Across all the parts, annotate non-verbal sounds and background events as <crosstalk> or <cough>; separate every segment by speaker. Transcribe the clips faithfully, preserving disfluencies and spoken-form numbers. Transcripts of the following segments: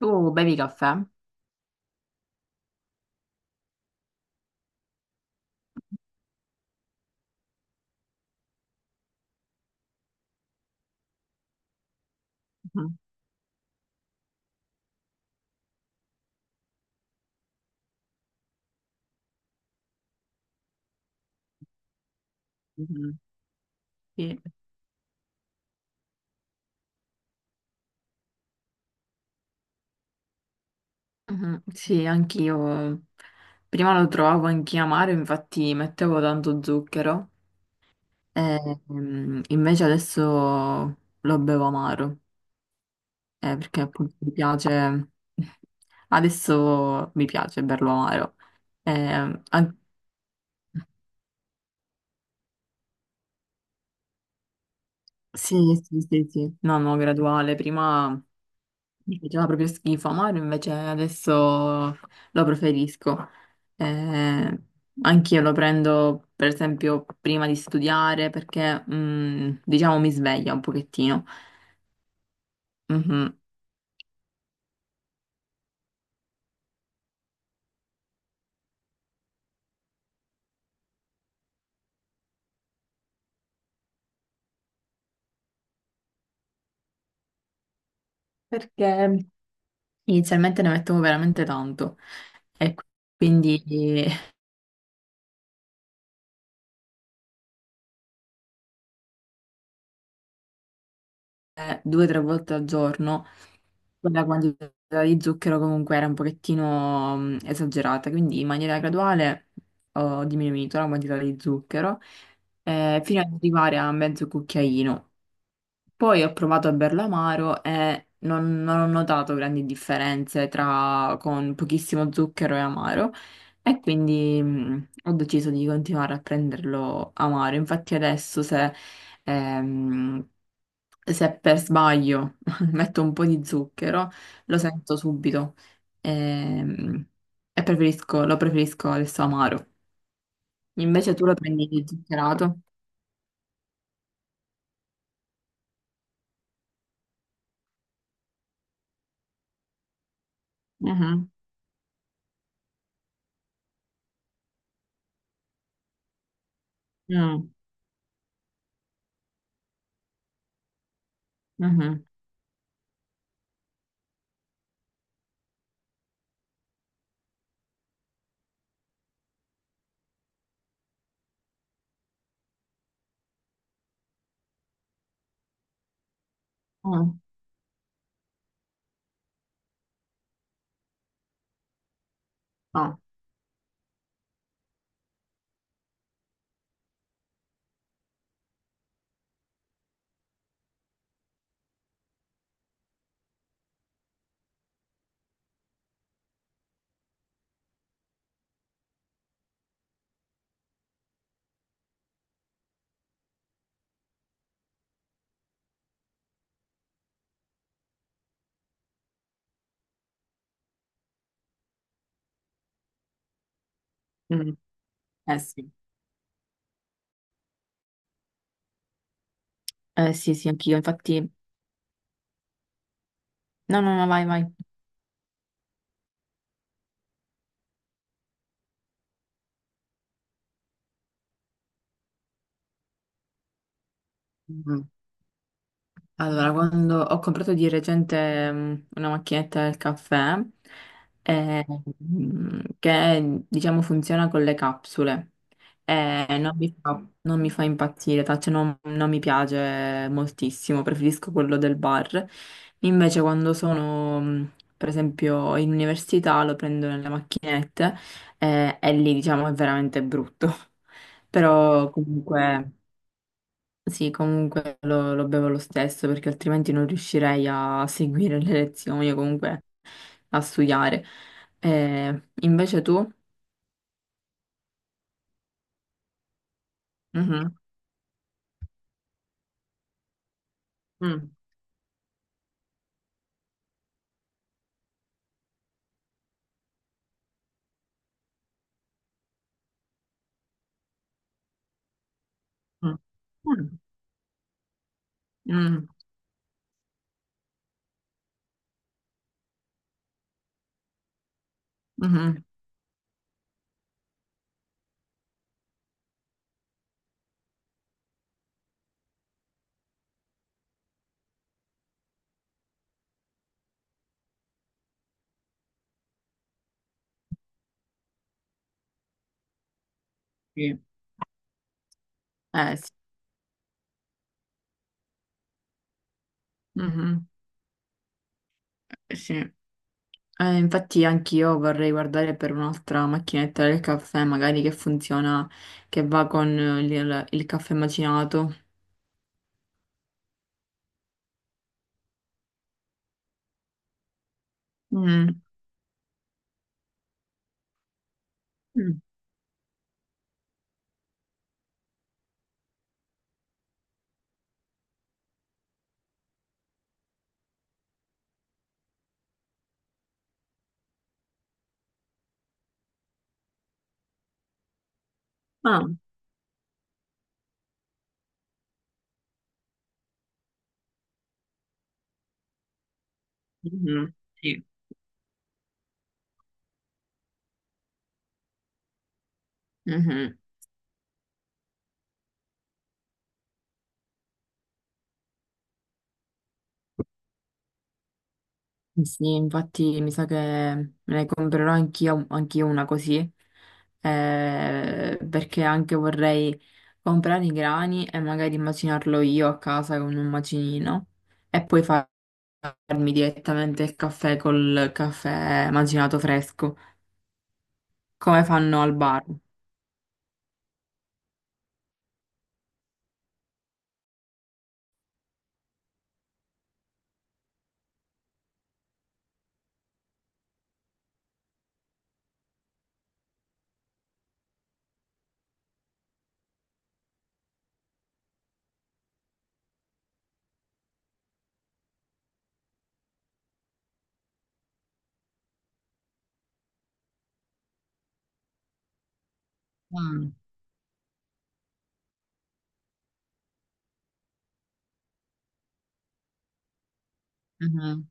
Speaker 1: Tu bevi caffè? Mhm, mhm, sì, mhm, sì, anch'io. Prima lo trovavo anche amaro, infatti mettevo tanto zucchero. E, mm, invece adesso lo bevo amaro, eh, perché appunto mi piace. <laughs> Adesso mi piace berlo amaro. Eh, an- sì, sì, sì, sì. No, no, graduale. Prima. Mi faceva proprio schifo, amaro invece adesso lo preferisco. Eh, anch'io lo prendo per esempio prima di studiare perché mm, diciamo mi sveglia un pochettino. Mhm. Perché inizialmente ne mettevo veramente tanto e quindi eh, due o tre volte al giorno. La quantità di zucchero comunque era un pochettino mm, esagerata, quindi in maniera graduale ho diminuito la quantità di zucchero eh, fino ad arrivare a mezzo cucchiaino. Poi ho provato a berlo amaro e non, non ho notato grandi differenze tra con pochissimo zucchero e amaro e quindi mm, ho deciso di continuare a prenderlo amaro. Infatti adesso se... Ehm, Se per sbaglio <laughs> metto un po' di zucchero, lo sento subito ehm, e, preferisco- lo preferisco adesso amaro. Invece tu lo prendi zuccherato? Mhm, mm, mhm, mm, no, mm. Eh sì. Eh sì, sì, anch'io, infatti. No, no, no, vai, vai. Allora, quando ho comprato di recente mm, una macchinetta del caffè, eh, mm, che diciamo funziona con le capsule, eh, non mi fa, non mi fa impazzire, ta- cioè non, non mi piace moltissimo, preferisco quello del bar. Invece quando sono, mm, per esempio, in università lo prendo nelle macchinette, eh, e lì diciamo è veramente brutto. <laughs> Però comunque... Sì, comunque lo, lo bevo lo stesso perché altrimenti non riuscirei a seguire <laughs> le lezioni o comunque a studiare. Eh, invece tu? Mhm, mm, mm, mm, mm, mhm, sì. Eh sì. Mhm, sì. Eh, infatti anch'io vorrei guardare per un'altra macchinetta del caffè, magari che funziona, che va con eh, il, il caffè macinato. Mm, mm. Ah. Mhm, sì. Mhm. Sì, sì, infatti mi sa che me ne comprerò anch'io anch'io una così, eh, perché anche vorrei comprare i grani e magari immacinarlo io a casa con un macinino e poi fa- farmi direttamente il caffè col caffè macinato fresco, come fanno al bar. Mm, mhm.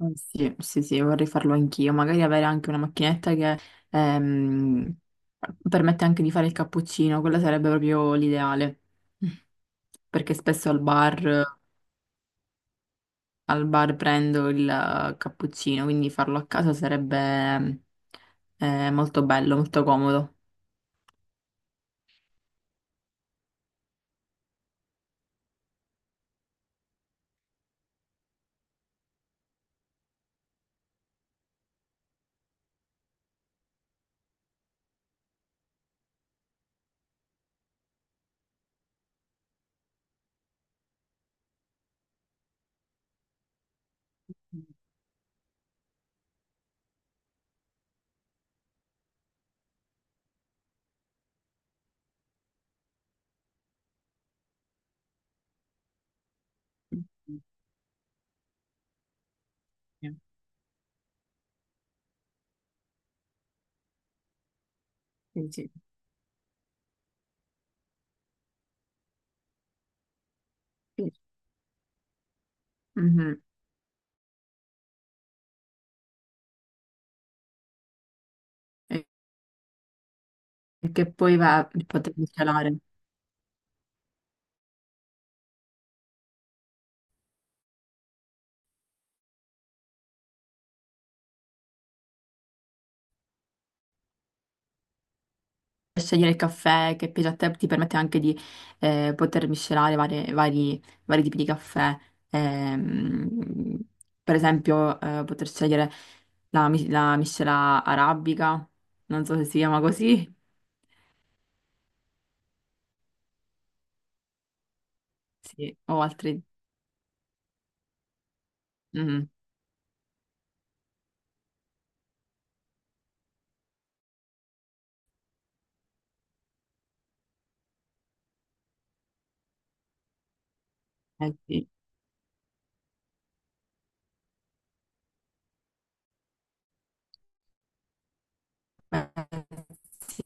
Speaker 1: Eh, sì, sì, sì, vorrei farlo anch'io. Magari avere anche una macchinetta che ehm, permette anche di fare il cappuccino, quella sarebbe proprio l'ideale. Perché spesso al bar, al bar prendo il eh, cappuccino, quindi farlo a casa sarebbe eh, molto bello, molto comodo. Sì, sì. Sì. Mhm. E e che poi va, poter celare. Scegliere il caffè che piace a te, ti permette anche di eh, poter miscelare varie- vari, vari tipi di caffè. Ehm, per esempio, eh, poter scegliere la, mis- la miscela arabica, non so se si chiama così, sì, o altri. Mm, eh sì. Eh, sì.